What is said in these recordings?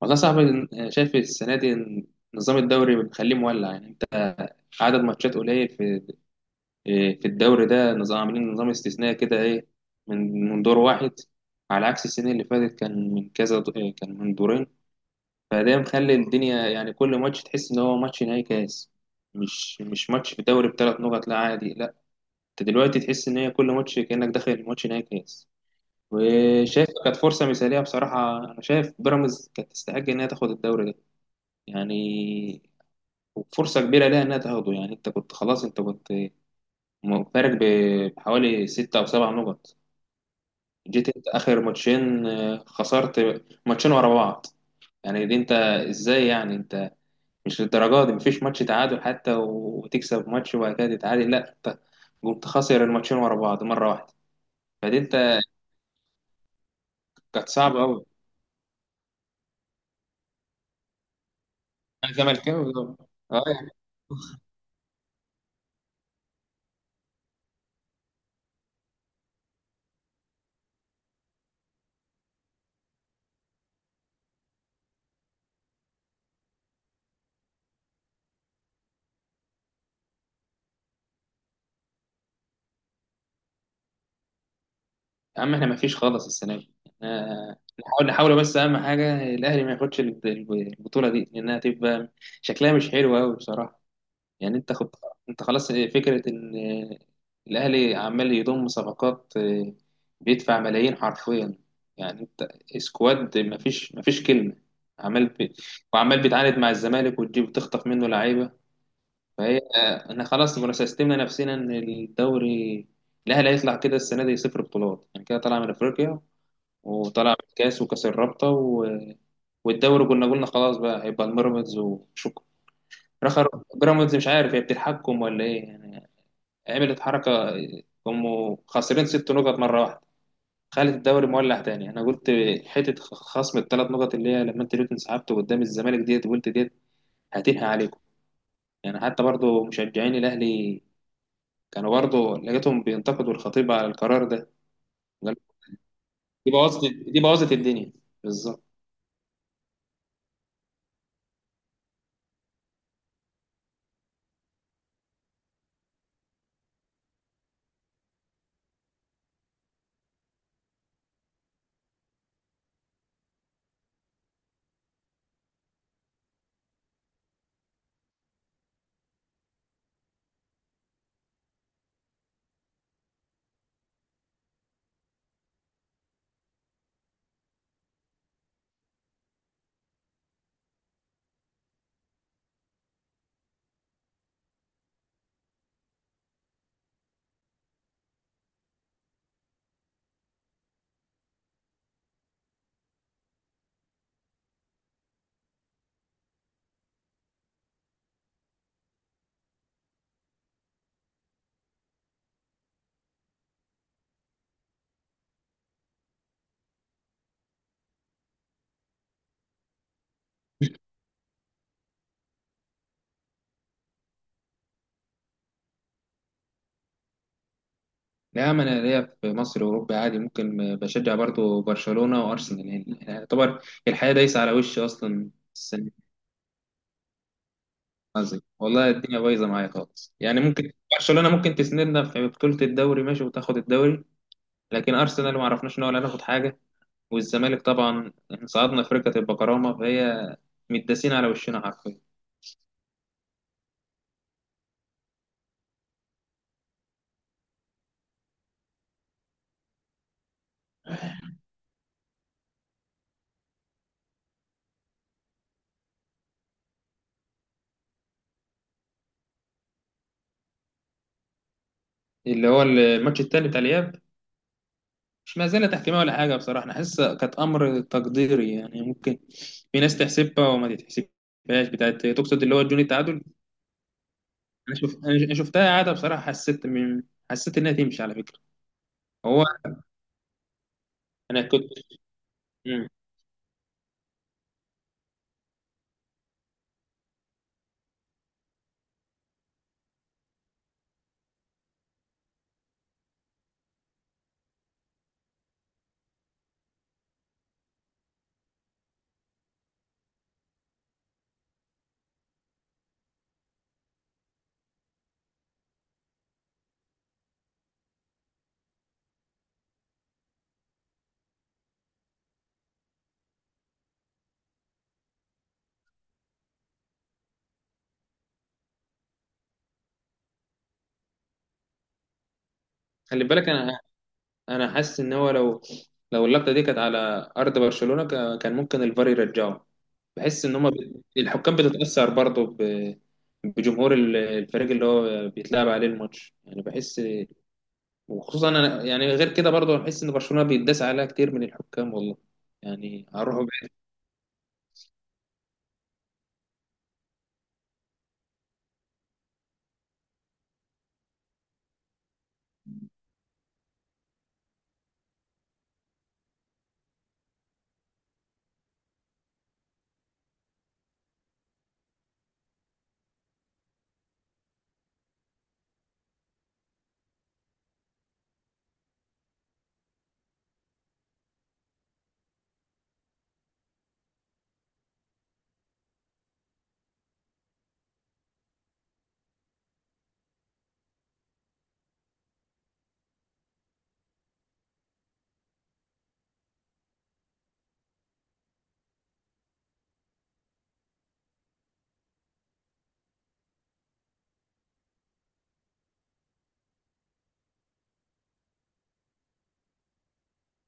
والله صعب. شايف السنة دي إن نظام الدوري مخليه مولع، يعني انت عدد ماتشات قليل في الدوري ده، نظام عاملين نظام استثنائي كده، ايه، من دور واحد، على عكس السنين اللي فاتت كان من كذا دو- إيه، كان من دورين. فده مخلي الدنيا، يعني كل ماتش تحس ان هو ماتش نهائي كاس، مش ماتش في الدوري ب3 نقط، لا عادي، لا، انت دلوقتي تحس ان هي كل ماتش كأنك داخل ماتش نهائي كاس. وشايف كانت فرصة مثالية. بصراحة أنا شايف بيراميدز كانت تستحق إنها تاخد الدوري ده، يعني فرصة كبيرة ليها إنها تاخده. يعني أنت كنت خلاص، أنت كنت فارق بحوالي 6 أو 7 نقط، جيت أنت آخر ماتشين، خسرت ماتشين ورا بعض. يعني دي أنت، إزاي يعني أنت؟ مش للدرجة دي. مفيش ماتش تعادل حتى وتكسب ماتش وبعد كده تتعادل، لا أنت قمت خاسر الماتشين ورا بعض مرة واحدة. فدي أنت، كانت صعبة أوي. أنا زملكاوي طبعا. أه. يا عم احنا ما فيش خالص السنه دي. آه، نحاول نحاول، بس اهم حاجه الاهلي ما ياخدش البطوله دي، لانها تبقى شكلها مش حلو قوي بصراحه. يعني انت خد، انت خلاص فكره ان، آه، الاهلي عمال يضم صفقات، بيدفع ملايين حرفيا. يعني انت سكواد، ما فيش كلمه، عمال وعمال بيتعاند مع الزمالك وتجيب تخطف منه لعيبه. فهي، احنا خلاص مرسستمنا نفسنا ان الدوري، الاهلي هيطلع كده السنه دي 0 بطولات، يعني كده طالع من افريقيا وطلع من الكاس وكاس الرابطة و... والدوري كنا قلنا خلاص بقى هيبقى الميراميدز وشكرا. رخر، بيراميدز مش عارف هي بتتحكم ولا ايه يعني، عملت حركة، هم خاسرين 6 نقط مرة واحدة، خلت الدوري مولع تاني. انا قلت حتة خصم ال3 نقط اللي هي لما انت جيت انسحبت قدام الزمالك ديت، وقلت ديت هتنهي عليكم، يعني حتى برضو مشجعين الاهلي كانوا برضو لقيتهم بينتقدوا الخطيب على القرار ده. قال دي بوظت دي بوظت الدنيا. بالظبط. نعم أنا ليا في مصر وأوروبا عادي، ممكن بشجع برضو برشلونة وأرسنال، يعني يعتبر الحياة دايسة على وشي أصلا السنة دي. قصدي، والله الدنيا بايظة معايا خالص، يعني ممكن برشلونة ممكن تسندنا في بطولة الدوري ماشي وتاخد الدوري. لكن أرسنال ما عرفناش إن هو لا ناخد حاجة. والزمالك طبعا إحنا صعدنا في ركة البكرامة، فهي متداسين على وشنا حرفيا. اللي هو الماتش التاني بتاع الإياب، مش مزالة تحكيمية ولا حاجة، بصراحة أنا حاسس كانت أمر تقديري. يعني ممكن في ناس تحسبها وما تتحسبهاش، بتاعت تقصد اللي هو جون التعادل. أنا شوف، أنا شفتها قاعدة بصراحة، حسيت إنها تمشي على فكرة، هو. أنا كنت. مم. خلي بالك أنا، أنا حاسس إن هو لو، لو اللقطة دي كانت على أرض برشلونة، كان ممكن الفار يرجعه. بحس إن هما الحكام بتتأثر برضه بجمهور الفريق اللي هو بيتلعب عليه الماتش، يعني بحس. وخصوصا انا، يعني غير كده برضه هحس ان برشلونه بيتداس عليها كتير من الحكام والله، يعني هروحوا بعيد.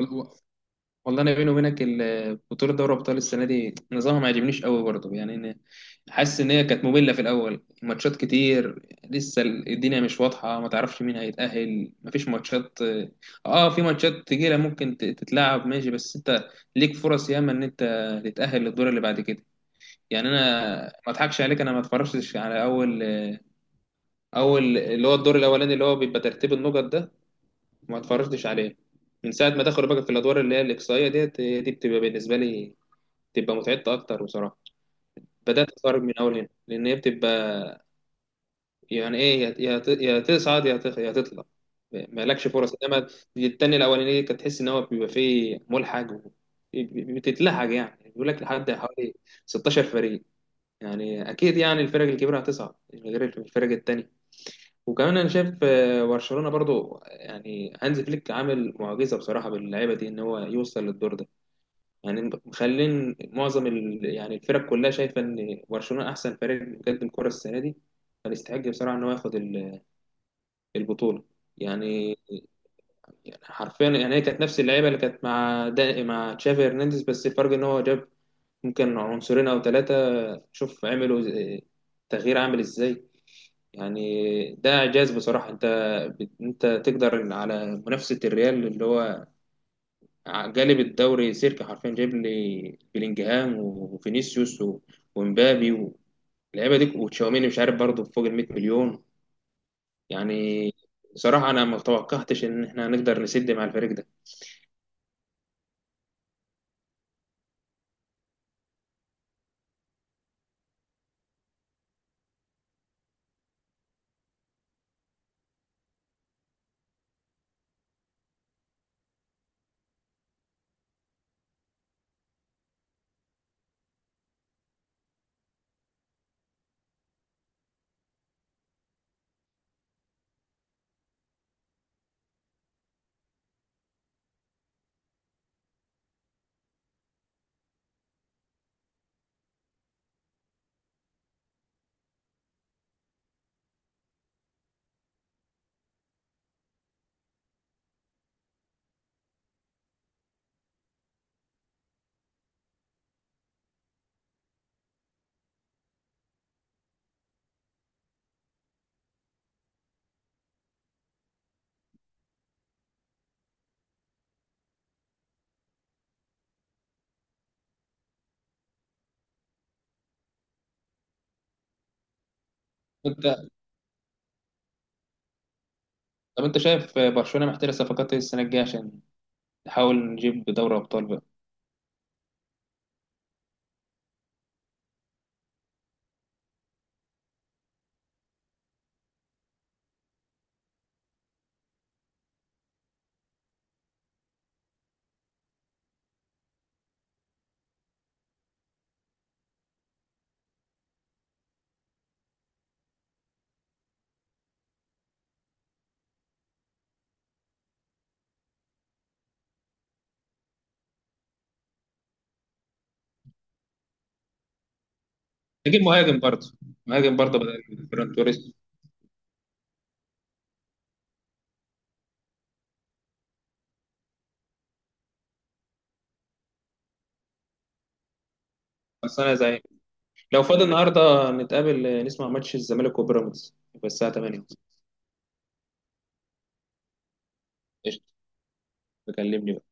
و- والله انا بيني وبينك، بطوله دوري ابطال السنه دي نظامها ما عجبنيش قوي برضه، يعني أنا حاسس ان هي كانت ممله في الاول، ماتشات كتير، لسه الدنيا مش واضحه، ما تعرفش مين هيتاهل، ما فيش ماتشات. اه في ماتشات تقيله ممكن تتلعب ماشي، بس انت ليك فرص ياما ان انت تتاهل للدور اللي بعد كده. يعني انا ما اضحكش عليك، انا ما اتفرجتش على اول اللي هو الدور الاولاني اللي هو بيبقى ترتيب النقط ده، ما اتفرجتش عليه. من ساعه ما دخلوا بقى في الادوار اللي هي الاقصائيه ديت، هي دي بتبقى بالنسبه لي بتبقى متعبه اكتر بصراحه. بدات اتفرج من اول هنا لان هي بتبقى، يعني ايه، يا يا تصعد، يا تطلع، مالكش فرص. انما التاني الاولاني دي كانت تحس ان هو بيبقى فيه ملحق بتتلحق، يعني بيقول لك لحد حوالي 16 فريق، يعني اكيد يعني الفرق الكبيره هتصعد غير الفرق التانيه. وكمان انا شايف، برشلونه برضو، يعني هانز فليك عامل معجزه بصراحه باللعيبه دي ان هو يوصل للدور ده. يعني مخلين معظم يعني الفرق كلها شايفه ان برشلونه احسن فريق بيقدم كره السنه دي، فيستحق بصراحه ان هو ياخد البطوله. يعني، يعني حرفيا، يعني هي كانت نفس اللعيبه اللي كانت مع مع تشافي هرنانديز، بس الفرق ان هو جاب ممكن عنصرين او ثلاثه، شوف عملوا آه، تغيير عامل ازاي. يعني ده إعجاز بصراحة. أنت أنت تقدر على منافسة الريال اللي هو جالب الدوري سيرك حرفيا، جايب لي بلينجهام وفينيسيوس ومبابي واللعيبة دي وتشاوميني، مش عارف برضه فوق ال 100 مليون. يعني بصراحة أنا ما توقعتش إن إحنا هنقدر نسد مع الفريق ده. أنت، طب أنت شايف برشلونة محتاجة صفقات إيه السنة الجاية عشان نحاول نجيب دوري أبطال بقى؟ نجيب مهاجم برضه، مهاجم برضه بدل فران توريس. بس أنا زي، لو فاضي النهارده نتقابل نسمع ماتش الزمالك وبيراميدز، يبقى الساعة 8. قشطة. بكلمني بقى.